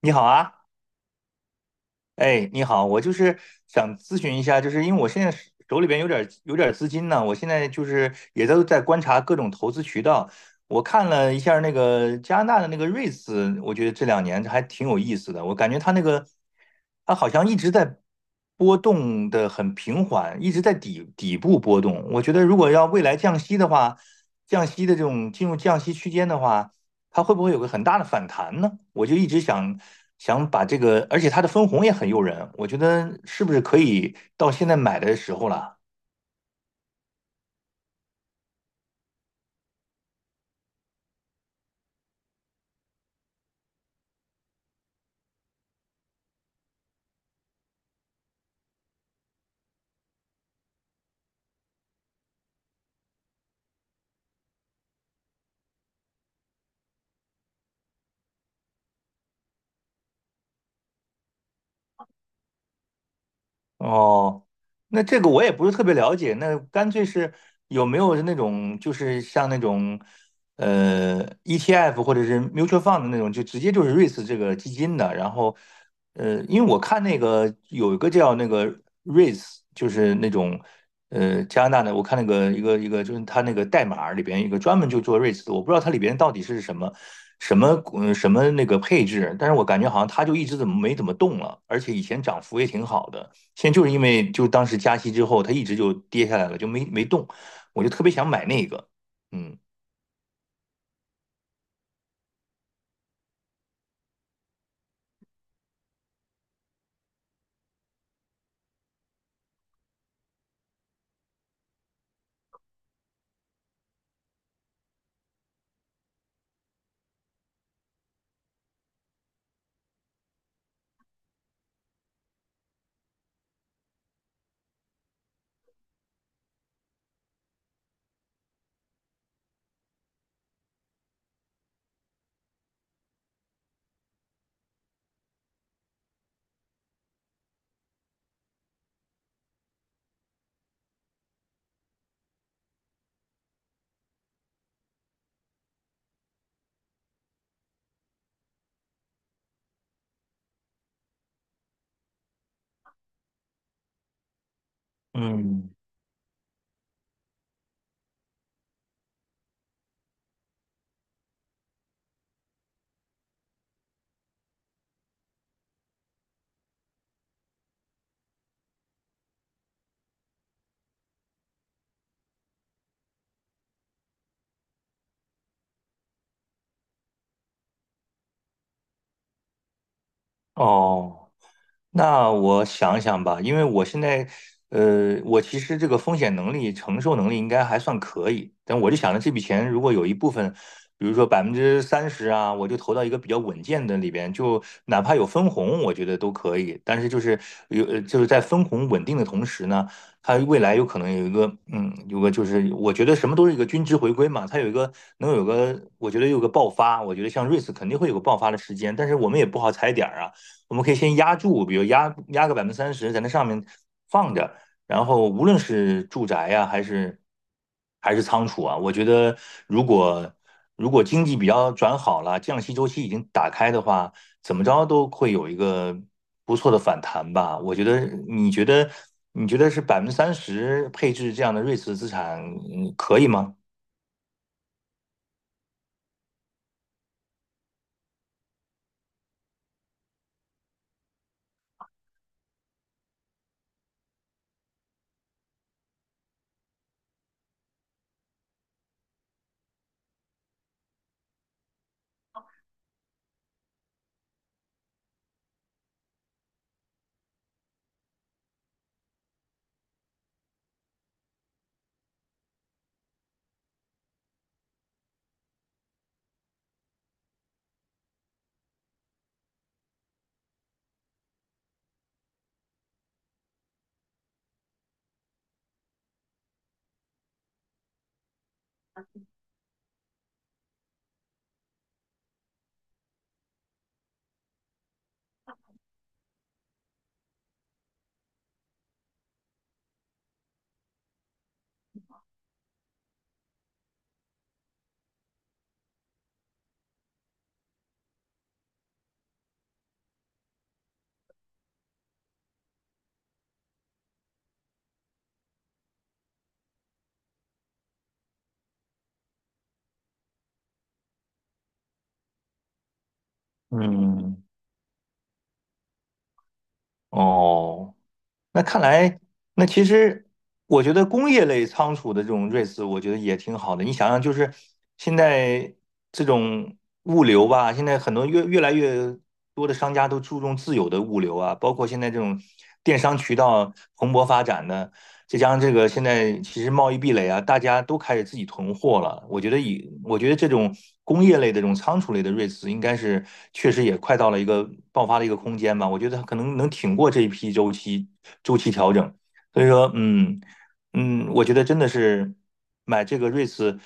你好啊，哎，你好，我就是想咨询一下，就是因为我现在手里边有点资金呢，我现在就是也都在观察各种投资渠道。我看了一下那个加拿大的那个瑞士，我觉得这两年还挺有意思的。我感觉它那个它好像一直在波动的很平缓，一直在底部波动。我觉得如果要未来降息的话，降息的这种进入降息区间的话。它会不会有个很大的反弹呢？我就一直想把这个，而且它的分红也很诱人，我觉得是不是可以到现在买的时候了。哦，那这个我也不是特别了解，那干脆是有没有那种就是像那种ETF 或者是 mutual fund 的那种，就直接就是 REITs 这个基金的，然后因为我看那个有一个叫那个 r e i s 就是那种加拿大的，我看那个一个就是它那个代码里边一个专门就做 REITs 的，我不知道它里边到底是什么什么那个配置，但是我感觉好像它就一直怎么没怎么动了，而且以前涨幅也挺好的。现在就是因为就当时加息之后，它一直就跌下来了，就没动，我就特别想买那个。嗯嗯。哦。那我想想吧，因为我现在，我其实这个风险能力、承受能力应该还算可以，但我就想着这笔钱如果有一部分，比如说百分之三十啊，我就投到一个比较稳健的里边，就哪怕有分红，我觉得都可以。但是就是有，就是在分红稳定的同时呢，它未来有可能有一个，嗯，有个就是我觉得什么都是一个均值回归嘛，它有一个能有个，我觉得有个爆发，我觉得像瑞士肯定会有个爆发的时间，但是我们也不好踩点儿啊。我们可以先压住，比如压个百分之三十在那上面放着，然后无论是住宅呀、啊还是仓储啊，我觉得如果如果经济比较转好了，降息周期已经打开的话，怎么着都会有一个不错的反弹吧。我觉得，你觉得是百分之三十配置这样的瑞士资产，嗯可以吗？嗯。哦，那看来，那其实我觉得工业类仓储的这种瑞 e 我觉得也挺好的。你想想，就是现在这种物流吧，现在很多越来越多的商家都注重自有的物流啊，包括现在这种电商渠道蓬勃发展的，再加上这个现在其实贸易壁垒啊，大家都开始自己囤货了。我觉得这种工业类的这种仓储类的瑞驰，应该是确实也快到了一个爆发的一个空间吧。我觉得它可能能挺过这一批周期调整。所以说，嗯。嗯，我觉得真的是买这个瑞驰，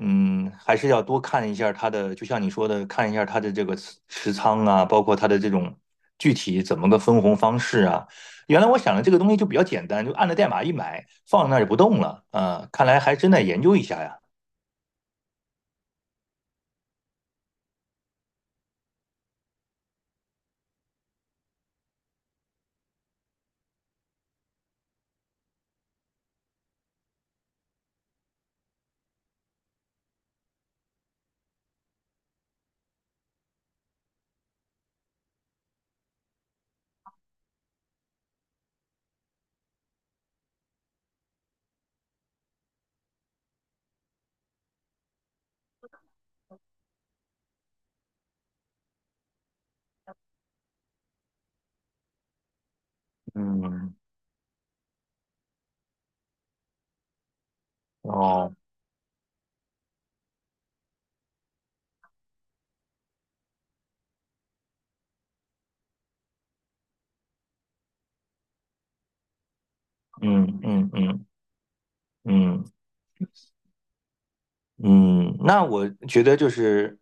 嗯，还是要多看一下它的，就像你说的，看一下它的这个持仓啊，包括它的这种具体怎么个分红方式啊。原来我想的这个东西就比较简单，就按着代码一买，放那儿也不动了。啊，看来还真得研究一下呀。嗯。哦。嗯嗯嗯嗯。嗯，那我觉得就是，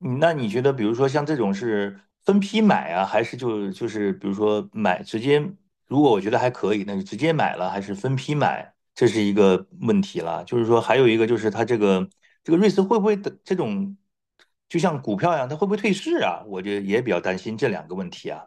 嗯那你觉得，比如说像这种是分批买啊，还是就是比如说买直接，如果我觉得还可以，那就直接买了，还是分批买，这是一个问题了。就是说，还有一个就是它这个这个瑞思会不会的这种，就像股票一样，它会不会退市啊？我觉得也比较担心这两个问题啊。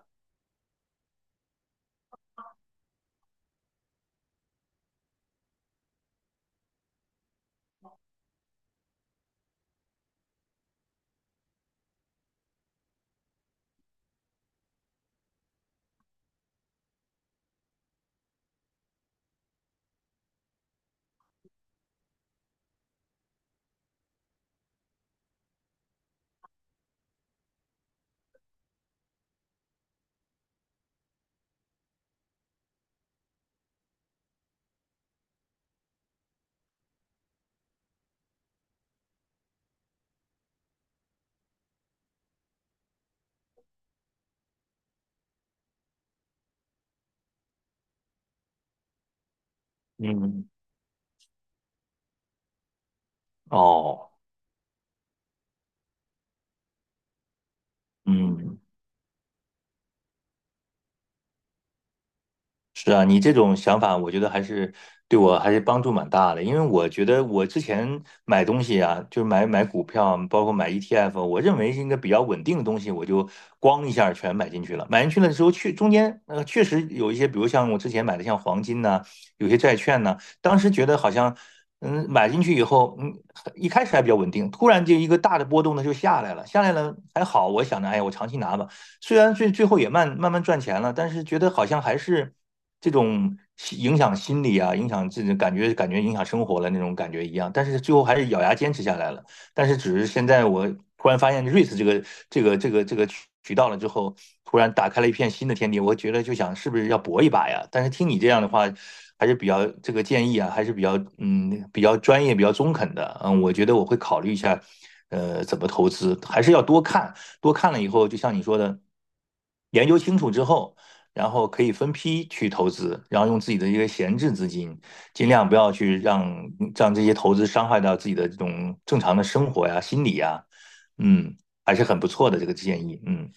嗯。哦。嗯。是啊，你这种想法，我觉得还是对我还是帮助蛮大的。因为我觉得我之前买东西啊，就是买股票，包括买 ETF，我认为是一个比较稳定的东西，我就咣一下儿全买进去了。买进去了之后，确中间确实有一些，比如像我之前买的像黄金呐、有些债券呐、当时觉得好像嗯买进去以后，嗯一开始还比较稳定，突然就一个大的波动呢就下来了，下来了还好，我想着哎呀我长期拿吧，虽然最后也慢慢赚钱了，但是觉得好像还是这种影响心理啊，影响自己感觉影响生活了那种感觉一样。但是最后还是咬牙坚持下来了。但是只是现在我突然发现瑞 e 这个渠道了之后，突然打开了一片新的天地。我觉得就想是不是要搏一把呀？但是听你这样的话。还是比较这个建议啊，还是比较嗯比较专业、比较中肯的，嗯，我觉得我会考虑一下，怎么投资，还是要多看了以后，就像你说的，研究清楚之后，然后可以分批去投资，然后用自己的一个闲置资金，尽量不要去让这些投资伤害到自己的这种正常的生活呀、心理呀，嗯，还是很不错的这个建议，嗯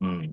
嗯。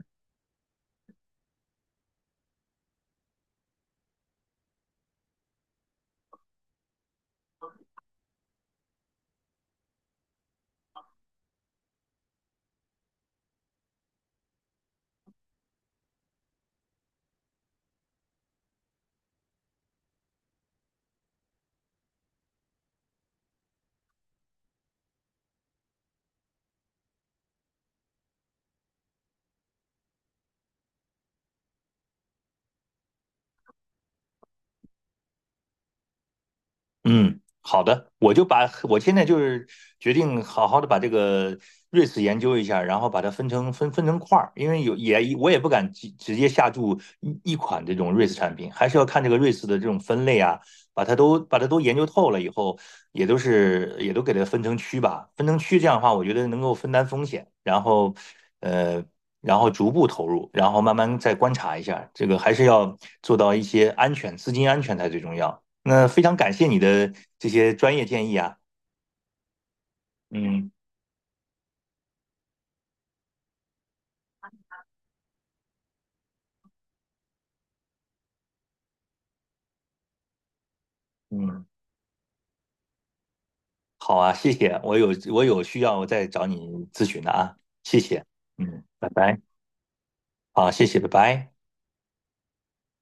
嗯，好的，我就把我现在就是决定好好的把这个瑞士研究一下，然后把它分成分成块儿，因为有也我也不敢直接下注一款这种瑞士产品，还是要看这个瑞士的这种分类啊，把它都研究透了以后，也都给它分成区吧，分成区这样的话，我觉得能够分担风险，然后呃，然后逐步投入，然后慢慢再观察一下，这个还是要做到一些安全，资金安全才最重要。那非常感谢你的这些专业建议啊，嗯嗯，好啊，谢谢，我有需要我再找你咨询的啊，谢谢，嗯，拜拜，好，谢谢，拜拜。